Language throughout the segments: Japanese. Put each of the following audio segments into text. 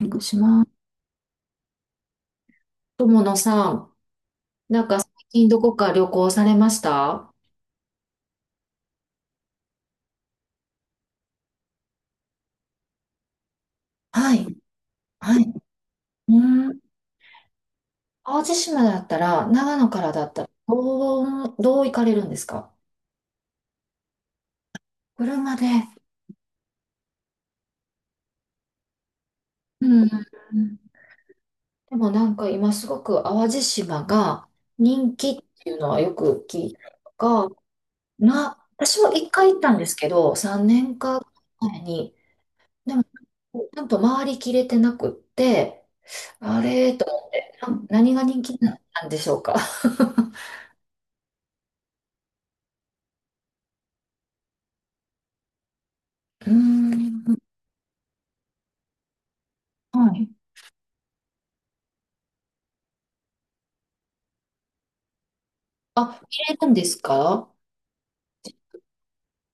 く友野さん、なんか最近どこか旅行されましたはい、はい。うん。淡路島だったら、長野からだったら、どう行かれるんですか？車で。うん。でもなんか今すごく淡路島が人気っていうのはよく聞いたりとか、私も一回行ったんですけど、3年か前に、でも、ちゃんと回りきれてなくって、あれと思って、何が人気なんでしょうか。うーん、はい。あ、入れるんですか？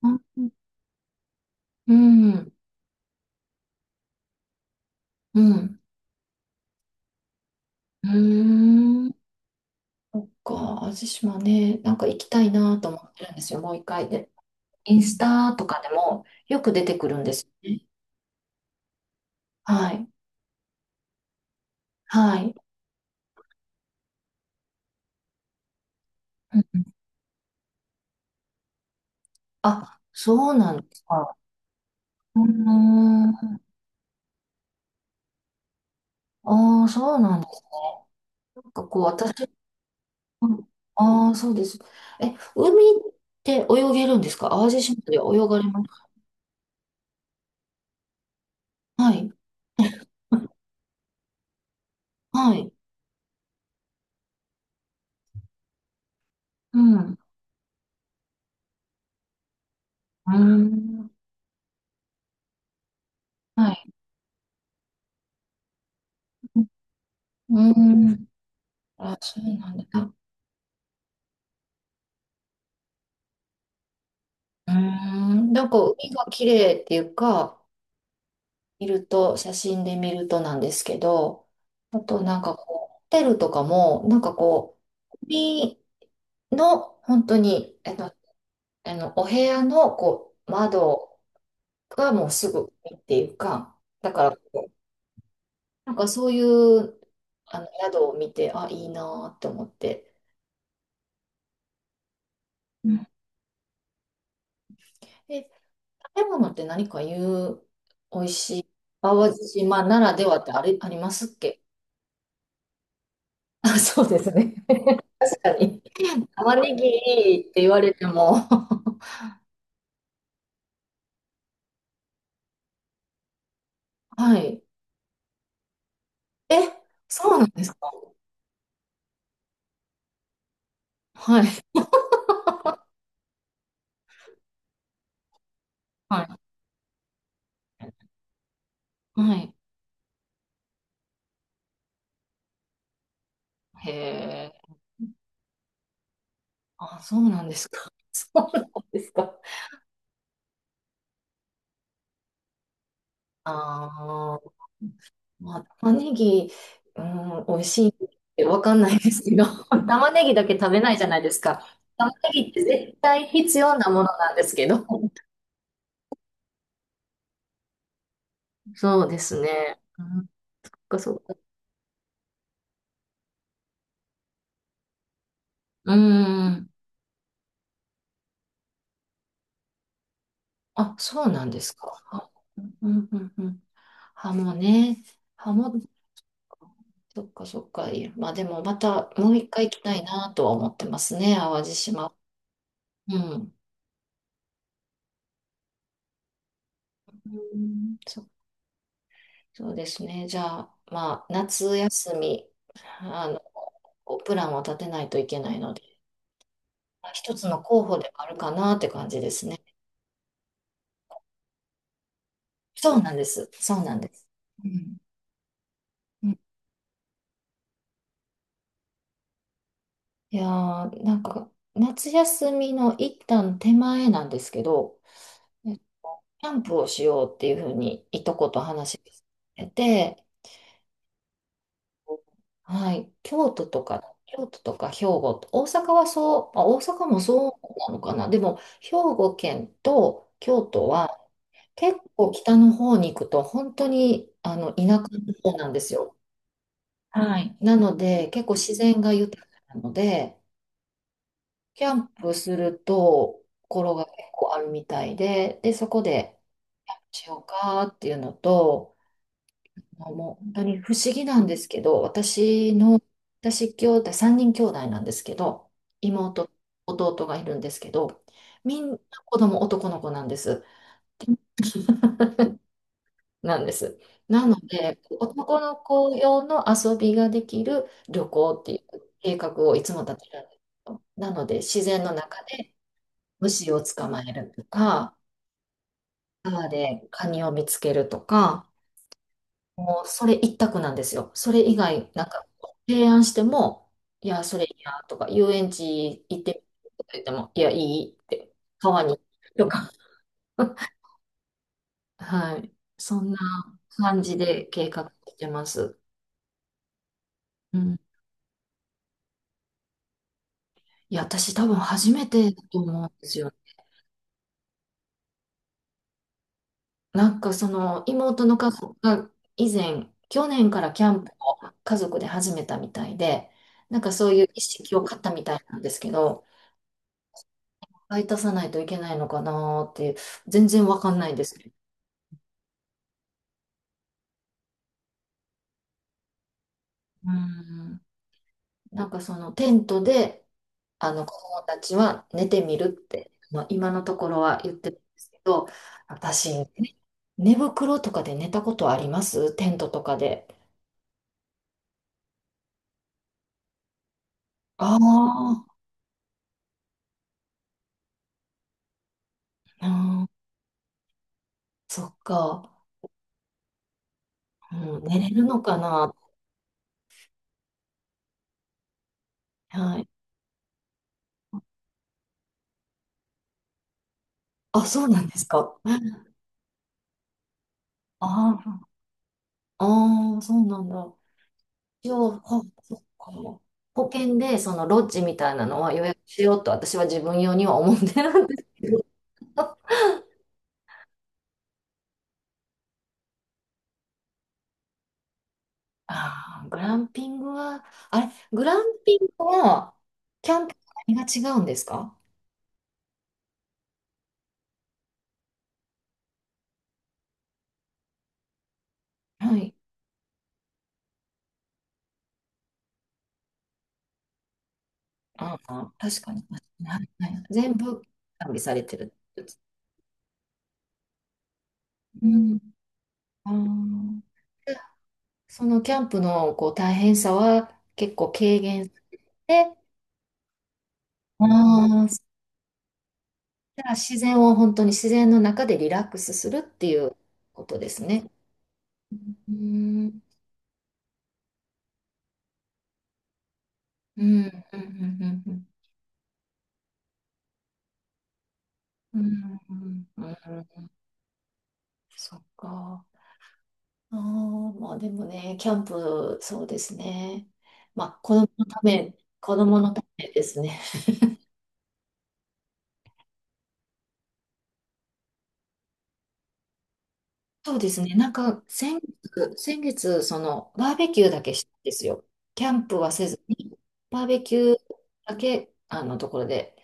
うん、うん、うん。うーん。そっか、味島ね、なんか行きたいなと思ってるんですよ、もう一回で。インスタとかでもよく出てくるんですよね。はい、はい。うん。あ、そうなんですか。うーん、ああ、そうなんですか。こう、私、ああー、そうです。え、海って泳げるんですか？淡路島では泳がれます？はい。はい。うん。うーん。はい。うーん。あ、そうなんだ。うーん。なんか海が綺麗っていうか、見ると、写真で見るとなんですけど、あとなんかこう、ホテルとかも、なんかこう、海の本当に、あの、あのお部屋のこう、窓がもうすぐ海っていうか、だから、なんかそういうあの宿を見て、あ、いいなーって思って。うん。え、食べ物って何か言う、淡路島ならではってあれ、ありますっけ？ あ、そうですね。確かに。玉ねぎって言われても。 はい。え、そうなんですか？はい。はい。はい。へえ。あ、そうなんですか。そうなんですか。ああ。まあ、玉ねぎ、うん、美味しいってわかんないですけど、玉ねぎだけ食べないじゃないですか。玉ねぎって絶対必要なものなんですけど。そうですね。うん、そっか。うん。あ、そうなんですか。うんうんうん。ハモね。ハモ、そっか。いやまあでもまたもう一回行きたいなとは思ってますね。淡路島。うん。うん、そっか。そうですね。じゃあ、まあ、夏休み、あの、こうプランを立てないといけないので、まあ一つの候補ではあるかなって感じですね。そうなんです。そうなんです。うん。うん。いやー、なんか、夏休みの一旦手前なんですけど、キャンプをしようっていうふうに、いとこと話してて、はい、京都とか、京都とか兵庫、大阪はそう、まあ、大阪もそうなのかな、でも兵庫県と京都は結構北の方に行くと本当にあの田舎の方なんですよ。はい、なので結構自然が豊かなので、キャンプするところが結構あるみたいで、で、そこでしようかっていうのと、あもう本当に不思議なんですけど、私兄弟、3人兄弟なんですけど、妹、弟がいるんですけど、みんな子供男の子なんです。なんです。なので、男の子用の遊びができる旅行っていう計画をいつも立てるんですよ。なので、自然の中で虫を捕まえるとか、川でカニを見つけるとか、もうそれ一択なんですよ。それ以外、なんか提案しても、いや、それいいなとか、遊園地行ってみるとか言っても、いや、いいって、川にとか、はい。そんな感じで計画してます。うん。いや、私多分初めてだと思うんですよ。なんかその妹の家族が以前、去年からキャンプを家族で始めたみたいで、なんかそういう意識を買ったみたいなんですけど、買い足さないといけないのかなーって、全然わかんないんですけど。うん。なんかそのテントで、あの、子供たちは寝てみるって、まあ、今のところは言ってるんですけど、私、寝袋とかで寝たことあります？テントとかで。あー。あー、そっか。うん、寝れるのかな？はい。あ、そうなんですか。ああ、ああ、そうなんだ。一応、ほそっか保険でそのロッジみたいなのは予約しようと私は自分用には思ってるんですけど。ああ、グランピングは、あれ、グランピングは、キャンプと何が違うんですか？はい。ああ、確かに。はい、はい全部完備されてるってやつ。うん。ああ。でそのキャンプのこう大変さは結構軽減して、ああ、だから自然を本当に自然の中でリラックスするっていうことですね。うん、うん、うん、うん、うん、うん、うんうんうん。そっか。ああ、まあでもね、キャンプ、そうですね。まあ子供のため、子供のためですね。そうですね、なんか先月、そのバーベキューだけしたんですよ。キャンプはせずに、バーベキューだけ、あのところで。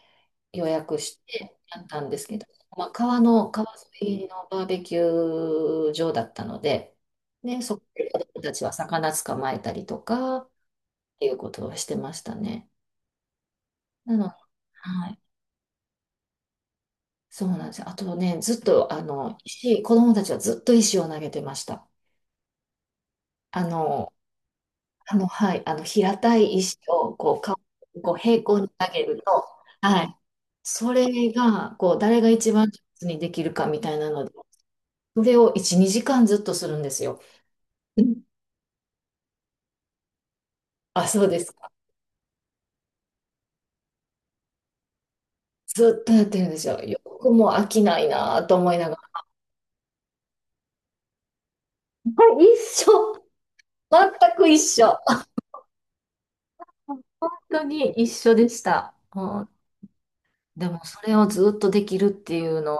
予約してやったんですけど、川沿いのバーベキュー場だったので、で、そこで子供たちは魚捕まえたりとか、っていうことをしてましたね。なの、はい。そうなんですよ。あとね、ずっと、あの、石、子供たちはずっと石を投げてました。あの、あの、平たい石を、こう平行に投げると、はい。それが、こう、誰が一番上手にできるかみたいなので、それを1、2時間ずっとするんですよ。うん。あ、そうですか。ずっとやってるんですよ。よくもう飽きないなぁと思いながら。はい、一緒。全く一緒。本当に一緒でした。うん、でも、それをずっとできるっていうの、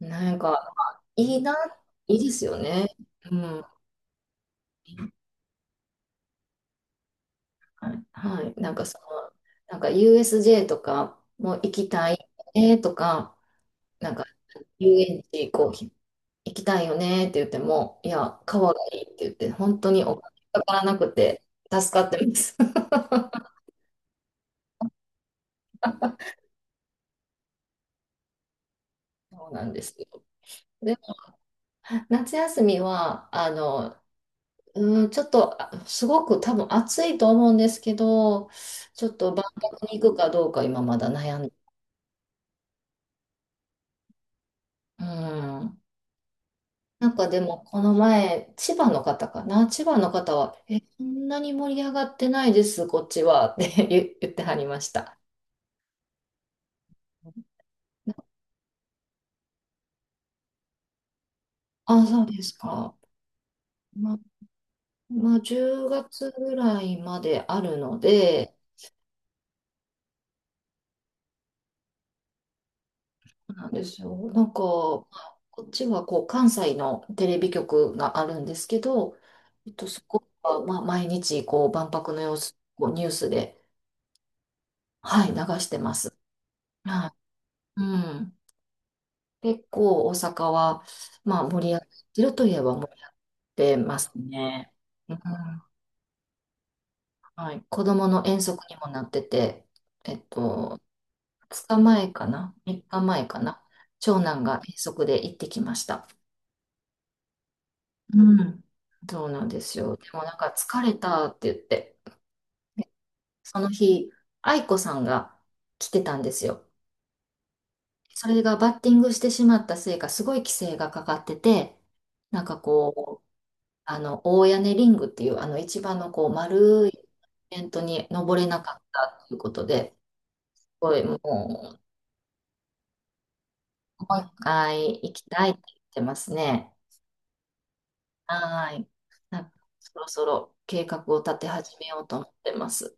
なんか、まあいいな、いいですよね。うん。はい。はい。なんかその、なんか USJ とかも行きたいねとか、なんか遊園地こう行きたいよねって言っても、いや、川がいいって言って、本当にお金かからなくて助かってます。そうなんですよ。で、夏休みは、あの、うん、ちょっと、あすごく多分暑いと思うんですけど、ちょっと万博に行くかどうか今まだ悩んで、うん。なんかでも、この前、千葉の方かな、千葉の方は、え、そんなに盛り上がってないです、こっちは、って言ってはりました。あ、そうですか。まあまあ、10月ぐらいまであるので、そうなんですよ。なんか、こっちはこう関西のテレビ局があるんですけど、えっと、そこはまあ毎日こう万博の様子、こうニュースで、はい、流してます。はい。うん。結構大阪は、まあ、盛り上がってるといえば盛り上がってますね。うん。はい。子供の遠足にもなってて、えっと、2日前かな？ 3 日前かな？長男が遠足で行ってきました。うん。そうなんですよ。でもなんか疲れたって言って、その日、愛子さんが来てたんですよ。それがバッティングしてしまったせいか、すごい規制がかかってて、なんかこう、あの、大屋根リングっていう、あの、一番のこう、丸いイベントに登れなかったということで、すごいもう、もう一回行きたいって言ってますね。はい。なそろそろ計画を立て始めようと思ってます。